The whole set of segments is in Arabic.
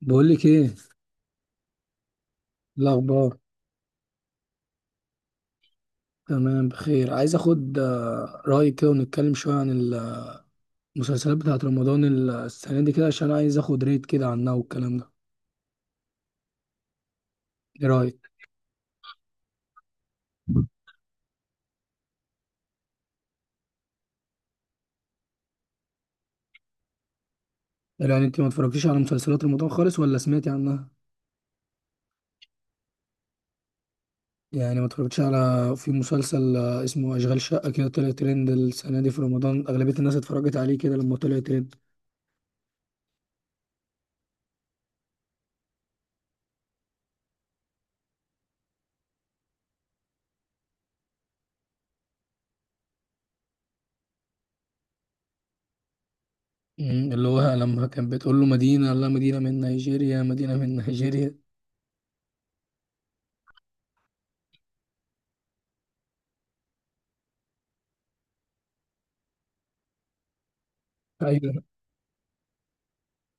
بقول لك ايه الاخبار. تمام، بخير. عايز اخد رايك كده ونتكلم شويه عن المسلسلات بتاعه رمضان السنه دي كده، عشان عايز اخد ريت كده عنها والكلام ده. ايه رايك؟ يعني انت ما اتفرجتيش على مسلسلات رمضان خالص ولا سمعتي عنها؟ يعني ما اتفرجتيش على... في مسلسل اسمه اشغال شقه كده، طلع ترند السنه دي في رمضان، اغلبيه الناس اتفرجت عليه كده لما طلع ترند. اللي هو لما كان بتقول له مدينه، لا مدينه من نيجيريا، مدينه من نيجيريا. ايوه،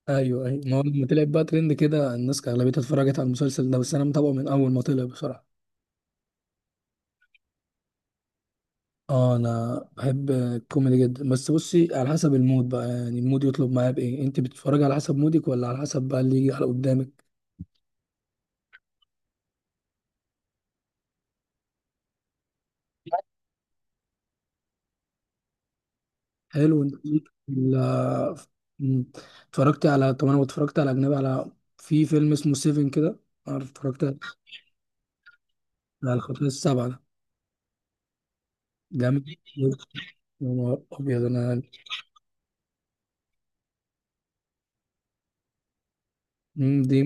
ايوه، ايوه، ما هو لما طلعت بقى ترند كده الناس اغلبيتها اتفرجت على المسلسل ده، بس انا متابعه من اول ما طلع بصراحه. اه، انا بحب الكوميدي جدا، بس بصي، على حسب المود بقى، يعني المود يطلب معايا بايه؟ انت بتتفرجي على حسب مودك ولا على حسب بقى اللي يجي على قدامك؟ حلو. انت ال- م، اتفرجتي على... طب انا اتفرجت على اجنبي، على... في فيلم اسمه سيفن كده، عارف؟ اتفرجت على الخطوه السبعه ده؟ جامد يا نهار ابيض. انا دي...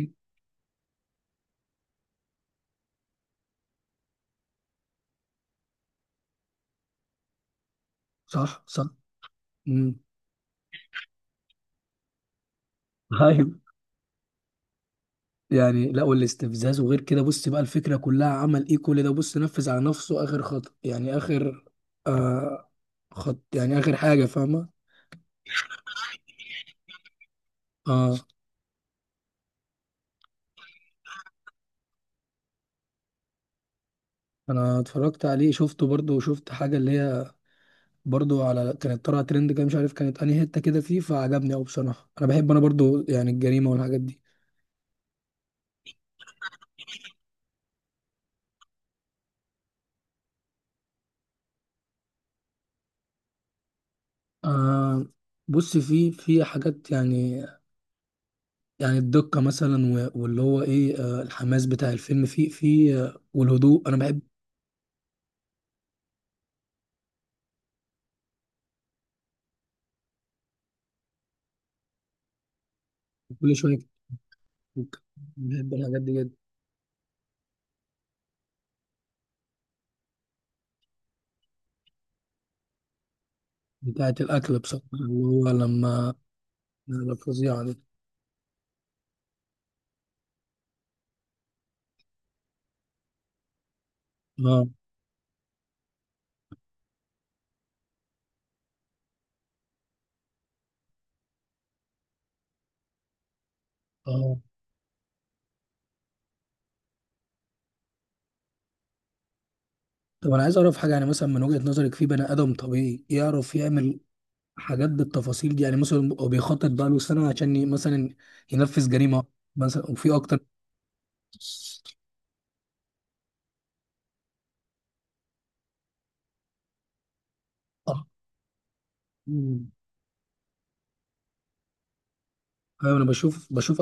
صح، صح. م. يعني لا، والاستفزاز وغير كده. بص بقى، الفكرة كلها عمل ايه كل ده؟ بص، نفذ على نفسه اخر خط، يعني اخر آه خط، يعني اخر حاجة، فاهمة؟ اه، انا اتفرجت عليه، شفته برضه. وشفت حاجة اللي هي برضه، على كانت طالعة ترند كده، مش عارف كانت انهي حتة كده فيه، فعجبني اوي بصراحة. انا بحب، انا برضه يعني الجريمة والحاجات دي. آه بص، في حاجات يعني. يعني الدقة مثلا واللي هو ايه، الحماس بتاع الفيلم، في والهدوء، انا بحب كل شوية. بحب الحاجات دي جدا. بتاعت الأكل بصراحة، اللي هو لما الفظيعة دي. اه، اه. طب أنا عايز أعرف حاجة، يعني مثلا من وجهة نظرك، في بني آدم طبيعي يعرف يعمل حاجات بالتفاصيل دي؟ يعني مثلا هو بيخطط بقاله سنة عشان مثلا ينفذ جريمة مثلا، وفي أكتر. اه. مم. أيوة، أنا بشوف.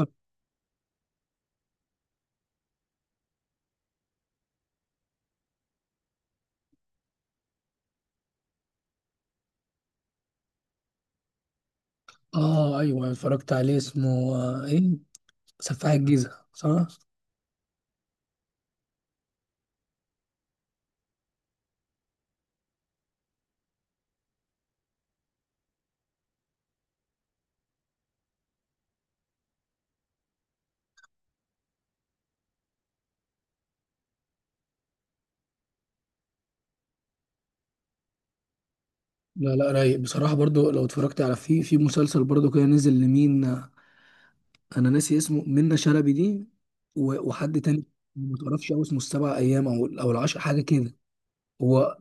اه، أيوة أنا اتفرجت عليه، اسمه إيه، سفاح الجيزة، صح؟ لا لا، رايق بصراحة. برضو لو اتفرجت على... في مسلسل برضو كده نزل لمين، انا ناسي اسمه، منة شلبي دي وحد تاني، ما تعرفش هو اسمه السبع ايام او او العشر حاجه كده. هو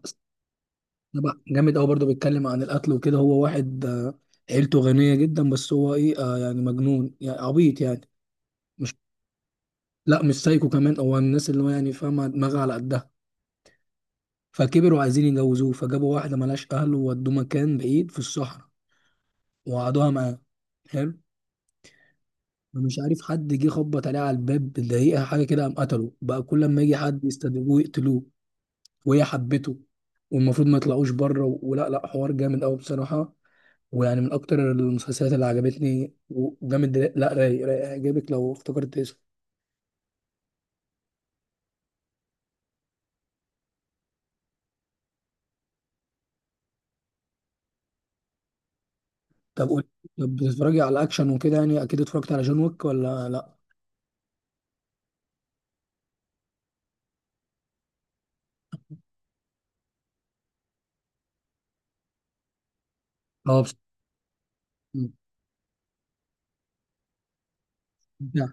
سبع، جامد قوي برضه، بيتكلم عن القتل وكده. هو واحد عيلته غنيه جدا، بس هو ايه، يعني مجنون يعني، عبيط يعني، مش... لا مش سايكو كمان، هو الناس اللي هو يعني فاهمه دماغها على قدها، فكبروا عايزين يجوزوه، فجابوا واحده ملهاش اهل وودوه مكان بعيد في الصحراء وقعدوها معاه. حلو. مش عارف، حد جه خبط عليه على الباب دقيقة حاجة كده، قام قتله بقى. كل لما يجي حد يستدعوه يقتلوه، وهي حبته. والمفروض ما يطلعوش بره ولا لا، حوار جامد قوي بصراحه. ويعني من اكتر المسلسلات اللي عجبتني وجامد، لا رايق، رايق، هيعجبك لو افتكرت اسمه. طب قول. طب بتتفرجي على اكشن وكده؟ يعني اكيد اتفرجت على جون ويك ولا لا؟ اه. مم. ده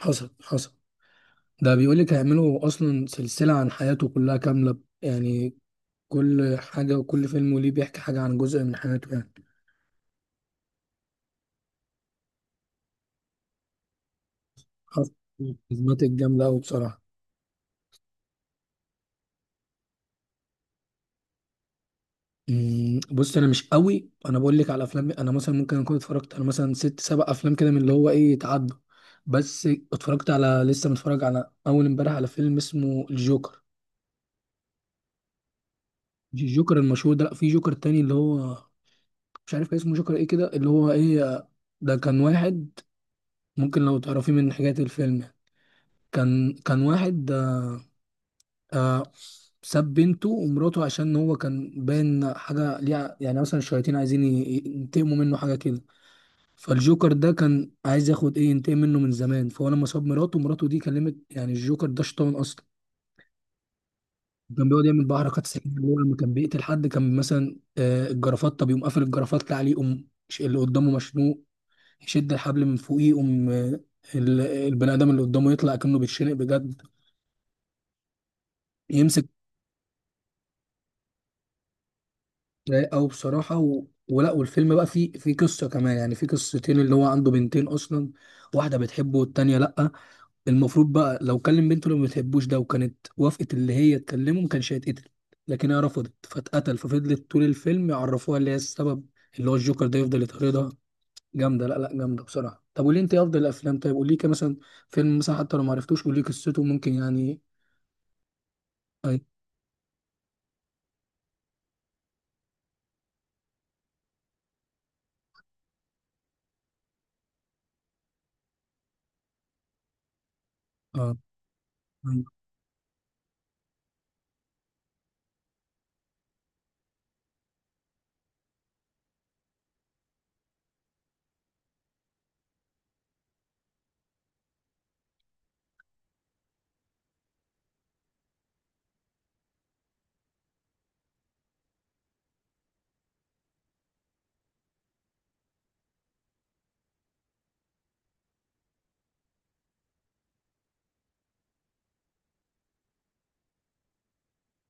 حصل، حصل. ده بيقول لك هيعملوا اصلا سلسله عن حياته كلها كامله يعني. كل حاجه وكل فيلم، وليه بيحكي حاجه عن جزء من حياته يعني. حصل. الجامده قوي بصراحه. بص انا مش قوي. انا بقول لك على افلام، انا مثلا ممكن اكون اتفرجت على مثلا ست سبع افلام كده، من اللي هو ايه، يتعدوا بس. اتفرجت على... لسه متفرج على اول امبارح على فيلم اسمه الجوكر. مش الجوكر المشهور ده، لا، في جوكر تاني اللي هو مش عارف كان اسمه جوكر ايه كده، اللي هو ايه، ده كان واحد. ممكن لو تعرفيه من حاجات الفيلم يعني. كان واحد، آه ساب بنته ومراته عشان هو كان باين حاجه ليها، يعني مثلا الشياطين عايزين ينتقموا منه، حاجه كده. فالجوكر ده كان عايز ياخد ايه، ينتقم منه من زمان. فهو لما صاب مراته، مراته دي كلمت يعني الجوكر، ده شيطان اصلا. كان بيقعد يعمل بقى حركات سريه، اللي هو لما كان بيقتل حد كان مثلا الجرافطه، بيقوم قافل الجرافطه عليه، يقوم اللي قدامه مشنوق، يشد الحبل من فوقيه، يقوم البني ادم اللي قدامه يطلع كأنه بيتشنق بجد، يمسك... رايق أوي بصراحة. ولا، والفيلم بقى فيه قصة كمان يعني، فيه قصتين. اللي هو عنده بنتين أصلا، واحدة بتحبه والتانية لأ. المفروض بقى لو كلم بنته اللي ما بتحبوش ده وكانت وافقت اللي هي تكلمه، ما كانش هيتقتل. لكن هي رفضت فاتقتل، ففضلت طول الفيلم يعرفوها اللي هي السبب. اللي هو الجوكر ده يفضل يطاردها. جامدة، لا لا، جامدة بصراحة. طب قولي انت افضل الافلام، طيب قولي كده، مثلا فيلم مثلا، حتى لو ما عرفتوش قولي قصته ممكن يعني. اي. اه،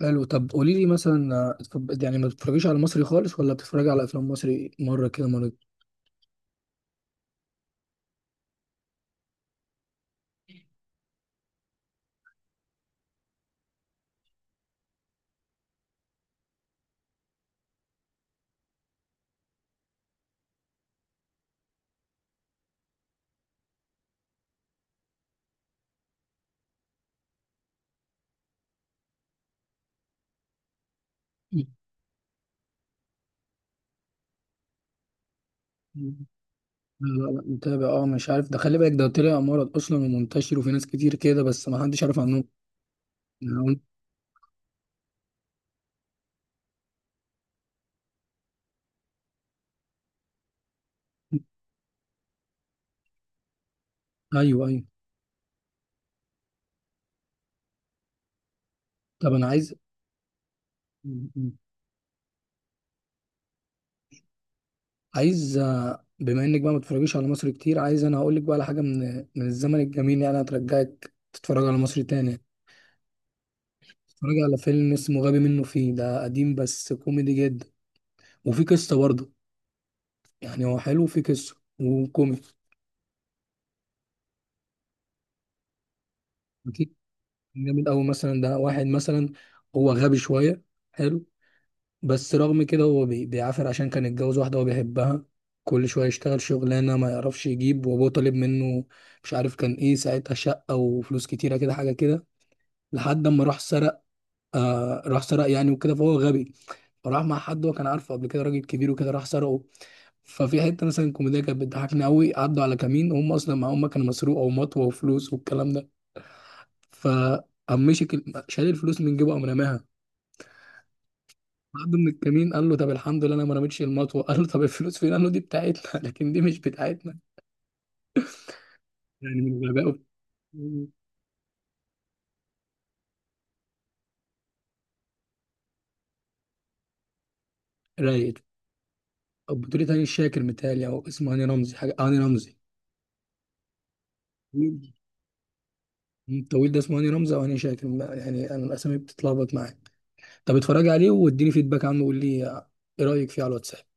حلو. طب قولي لي مثلا يعني ما بتتفرجيش على مصري خالص ولا بتتفرجي على افلام مصري مره كده مره؟ مم. لا لا لا، متابع اه. مش عارف ده، خلي بالك ده طلع مرض اصلا ومنتشر، وفي ناس كتير كده بس ما حدش عارف عنهم يعني. ايوه، ايوه. طب انا عايز... عايز بما انك بقى ما بتتفرجيش على مصر كتير، عايز انا هقول لك بقى على حاجه من من الزمن الجميل، يعني هترجعك تتفرج على مصر تاني. تتفرج على فيلم اسمه غبي منه فيه، ده قديم بس كوميدي جدا، وفي قصه برضه يعني، هو حلو، في قصة وكوميدي. أكيد جامد أوي، مثلا ده واحد مثلا هو غبي شوية، حلو، بس رغم كده هو بيعافر عشان كان اتجوز واحدة هو بيحبها. كل شوية يشتغل شغلانة ما يعرفش يجيب، وأبوه طالب منه، مش عارف كان إيه ساعتها، شقة وفلوس كتيرة كده، حاجة كده، لحد أما راح سرق. راح سرق يعني وكده، فهو غبي، فراح مع حد هو كان عارفه قبل كده، راجل كبير وكده، راح سرقه. ففي حتة مثلا كوميديا كانت بتضحكني أوي، عدوا على كمين، هم أصلا معاهم مكنة مسروقة ومطوة وفلوس والكلام ده، فقام مسك شال الفلوس من جيبه، قام رماها بعد من الكمين. قال له طب الحمد لله انا ما رميتش المطوه. قال له طب الفلوس فين؟ قال له دي بتاعتنا. لكن دي مش بتاعتنا، يعني من غبائه. رايق. طب بتقولي هاني شاكر، متهيألي او اسمه هاني رمزي، حاجه هاني رمزي، الطويل ده، اسمه هاني رمزي او هاني شاكر يعني انا الاسامي بتتلخبط معايا. طب اتفرجي عليه واديني فيدباك عنه، وقول لي ايه رايك فيه على الواتساب.